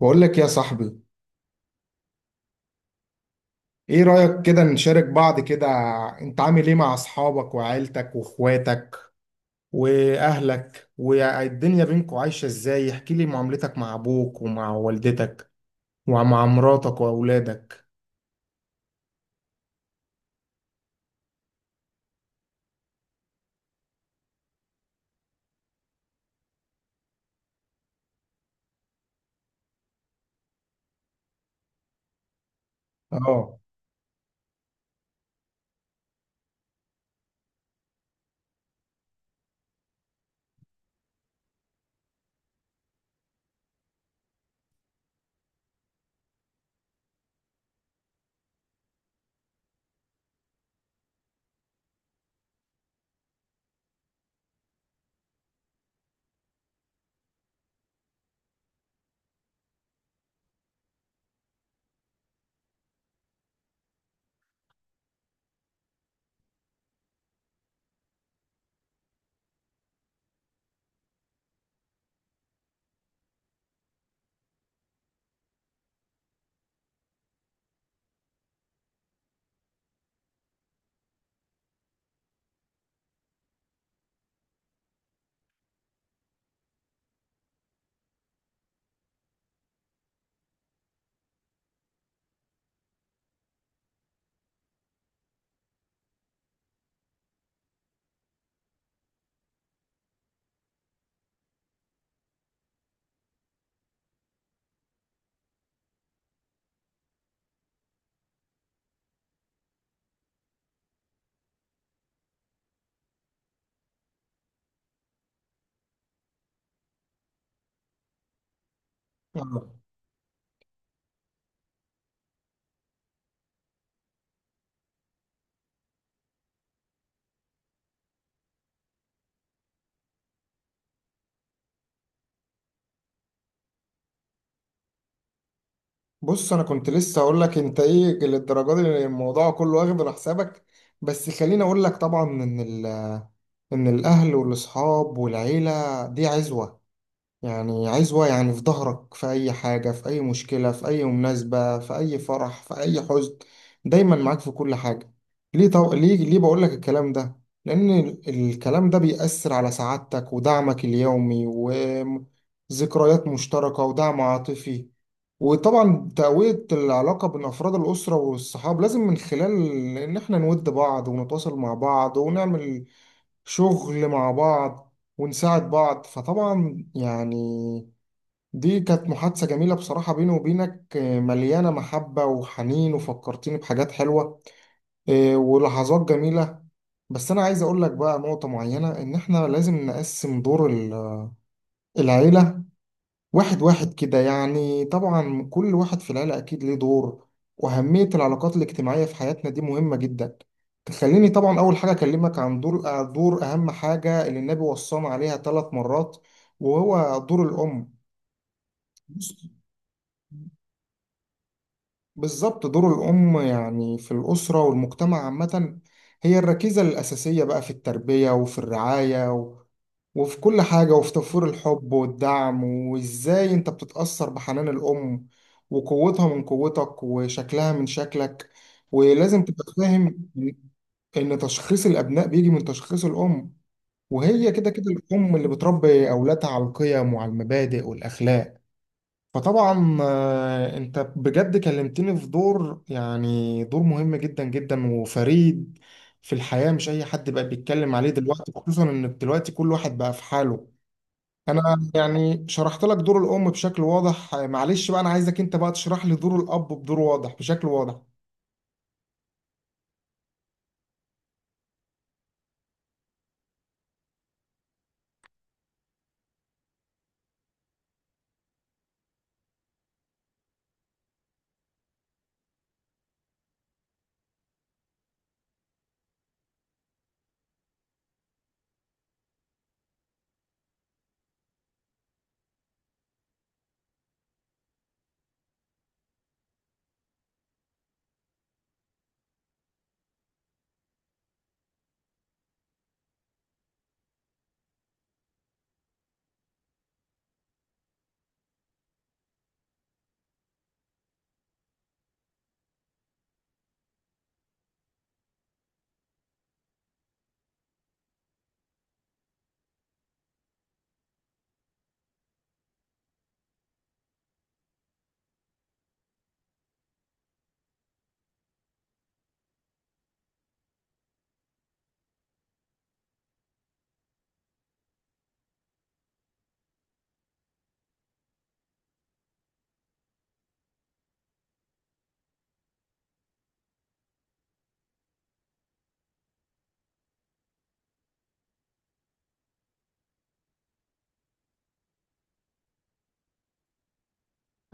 بقول لك يا صاحبي، ايه رأيك كده نشارك بعض كده؟ انت عامل ايه مع اصحابك وعيلتك واخواتك واهلك والدنيا بينكم عايشة ازاي؟ احكي لي معاملتك مع ابوك ومع والدتك ومع مراتك واولادك. اه. آه. بص، انا كنت لسه اقول لك انت ايه للدرجه دي الموضوع كله واخد على حسابك. بس خليني اقول لك طبعا ان ان الاهل والاصحاب والعيلة دي عزوة. يعني عايز واقع، يعني في ظهرك، في أي حاجة، في أي مشكلة، في أي مناسبة، في أي فرح، في أي حزن، دايما معاك في كل حاجة. ليه بقول لك الكلام ده؟ لأن الكلام ده بيأثر على سعادتك ودعمك اليومي وذكريات مشتركة ودعم عاطفي. وطبعا تقوية العلاقة بين أفراد الأسرة والصحاب لازم من خلال إن إحنا نود بعض ونتواصل مع بعض ونعمل شغل مع بعض ونساعد بعض. فطبعا يعني دي كانت محادثة جميلة بصراحة بيني وبينك، مليانة محبة وحنين وفكرتيني بحاجات حلوة ولحظات جميلة. بس أنا عايز أقول لك بقى نقطة معينة، إن إحنا لازم نقسم دور العيلة واحد واحد كده. يعني طبعا كل واحد في العيلة أكيد ليه دور، وأهمية العلاقات الاجتماعية في حياتنا دي مهمة جدا. تخليني طبعا أول حاجة أكلمك عن دور أهم حاجة اللي النبي وصانا عليها ثلاث مرات، وهو دور الأم. بالظبط. دور الأم يعني في الأسرة والمجتمع عامة، هي الركيزة الأساسية بقى في التربية وفي الرعاية وفي كل حاجة وفي توفير الحب والدعم. وإزاي أنت بتتأثر بحنان الأم، وقوتها من قوتك، وشكلها من شكلك. ولازم تبقى فاهم إن تشخيص الأبناء بيجي من تشخيص الأم. وهي كده كده الأم اللي بتربي أولادها على القيم وعلى المبادئ والأخلاق. فطبعا انت بجد كلمتني في دور، يعني دور مهم جدا جدا وفريد في الحياة، مش اي حد بقى بيتكلم عليه دلوقتي، خصوصا ان دلوقتي كل واحد بقى في حاله. انا يعني شرحت لك دور الام بشكل واضح، معلش بقى، انا عايزك انت بقى تشرح لي دور الاب بدور واضح بشكل واضح.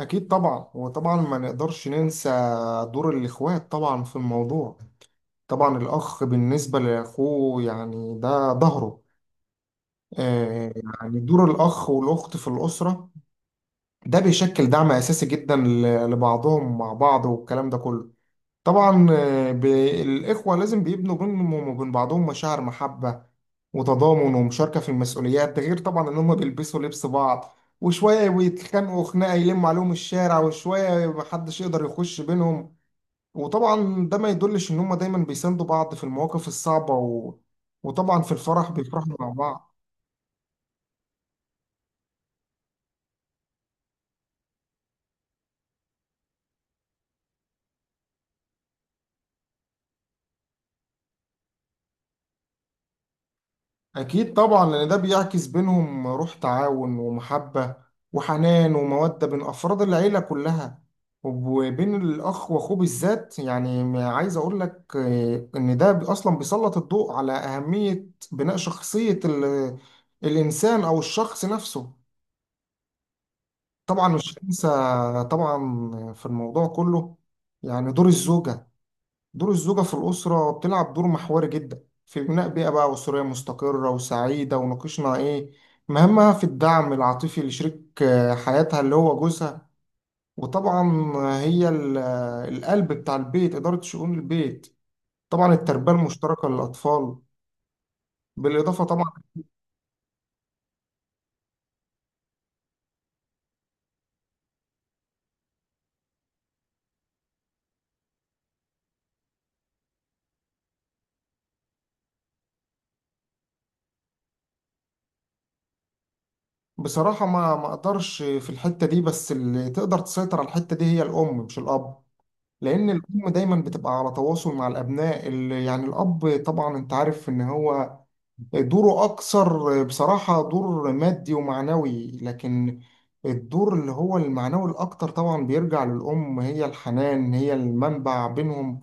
اكيد طبعا. وطبعا ما نقدرش ننسى دور الاخوات طبعا في الموضوع. طبعا الاخ بالنسبة لاخوه يعني ده ظهره. يعني دور الأخ والأخت في الأسرة ده بيشكل دعم أساسي جدا لبعضهم مع بعض، والكلام ده كله. طبعا الإخوة لازم بيبنوا بينهم وبين بعضهم مشاعر محبة وتضامن ومشاركة في المسؤوليات. ده غير طبعا إن هم بيلبسوا لبس بعض، وشوية بيتخانقوا خناقة يلموا عليهم الشارع، وشوية محدش يقدر يخش بينهم. وطبعا ده ما يدلش إن هم دايما بيساندوا بعض في المواقف الصعبة وطبعا في الفرح بيفرحوا مع بعض. أكيد طبعا لأن ده بيعكس بينهم روح تعاون ومحبة وحنان ومودة بين أفراد العيلة كلها. وبين الأخ وأخوه بالذات، يعني ما عايز أقول لك إن ده أصلا بيسلط الضوء على أهمية بناء شخصية الإنسان أو الشخص نفسه. طبعا مش هنسى طبعا في الموضوع كله يعني دور الزوجة. دور الزوجة في الأسرة بتلعب دور محوري جدا في بناء بيئة بقى أسرية مستقرة وسعيدة. وناقشنا إيه مهامها في الدعم العاطفي لشريك حياتها اللي هو جوزها. وطبعا هي القلب بتاع البيت، إدارة شؤون البيت، طبعا التربية المشتركة للأطفال، بالإضافة طبعا. بصراحة ما أقدرش في الحتة دي، بس اللي تقدر تسيطر على الحتة دي هي الأم مش الأب. لأن الأم دايما بتبقى على تواصل مع الأبناء، اللي يعني الأب طبعا أنت عارف إن هو دوره أكثر بصراحة دور مادي ومعنوي. لكن الدور اللي هو المعنوي الأكتر طبعا بيرجع للأم. هي الحنان، هي المنبع بينهم،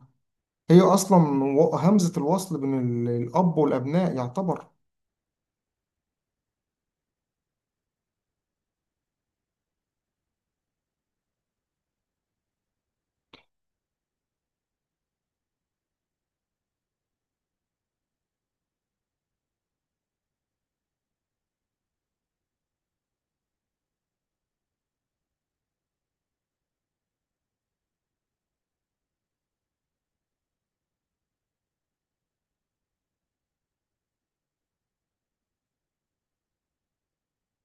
هي أصلا همزة الوصل بين الأب والأبناء يعتبر.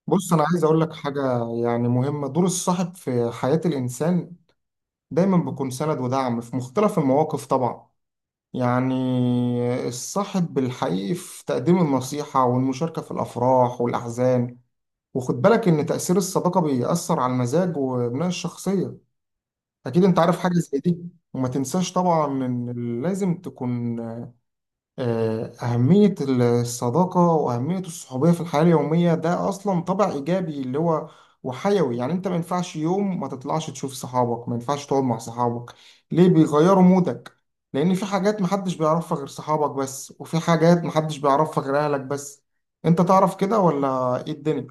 بص، أنا عايز أقول لك حاجة يعني مهمة. دور الصاحب في حياة الإنسان دايما بيكون سند ودعم في مختلف المواقف طبعا، يعني الصاحب الحقيقي في تقديم النصيحة والمشاركة في الأفراح والأحزان. وخد بالك ان تأثير الصداقة بيأثر على المزاج وبناء الشخصية، اكيد انت عارف حاجة زي دي. وما تنساش طبعا ان لازم تكون أهمية الصداقة وأهمية الصحوبية في الحياة اليومية ده أصلا طبع إيجابي اللي هو وحيوي. يعني أنت ما ينفعش يوم ما تطلعش تشوف صحابك، ما ينفعش تقعد مع صحابك، ليه بيغيروا مودك. لأن في حاجات محدش بيعرفها غير صحابك بس، وفي حاجات محدش بيعرفها غير أهلك بس. أنت تعرف كده ولا إيه الدنيا؟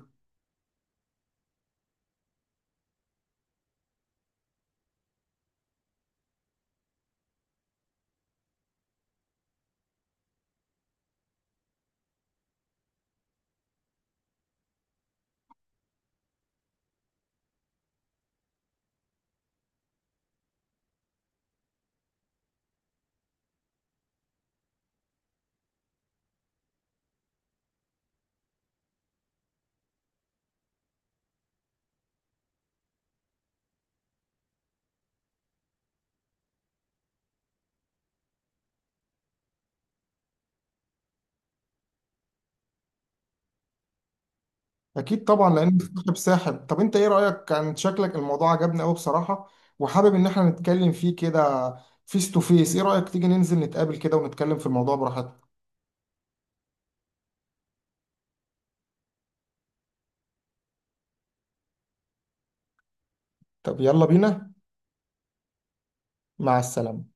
اكيد طبعا لان السحب ساحب. طب انت ايه رايك؟ كان شكلك الموضوع عجبني قوي بصراحه، وحابب ان احنا نتكلم فيه كده فيس تو فيس. ايه رايك تيجي ننزل نتقابل كده ونتكلم في الموضوع براحتنا؟ طب يلا بينا. مع السلامه.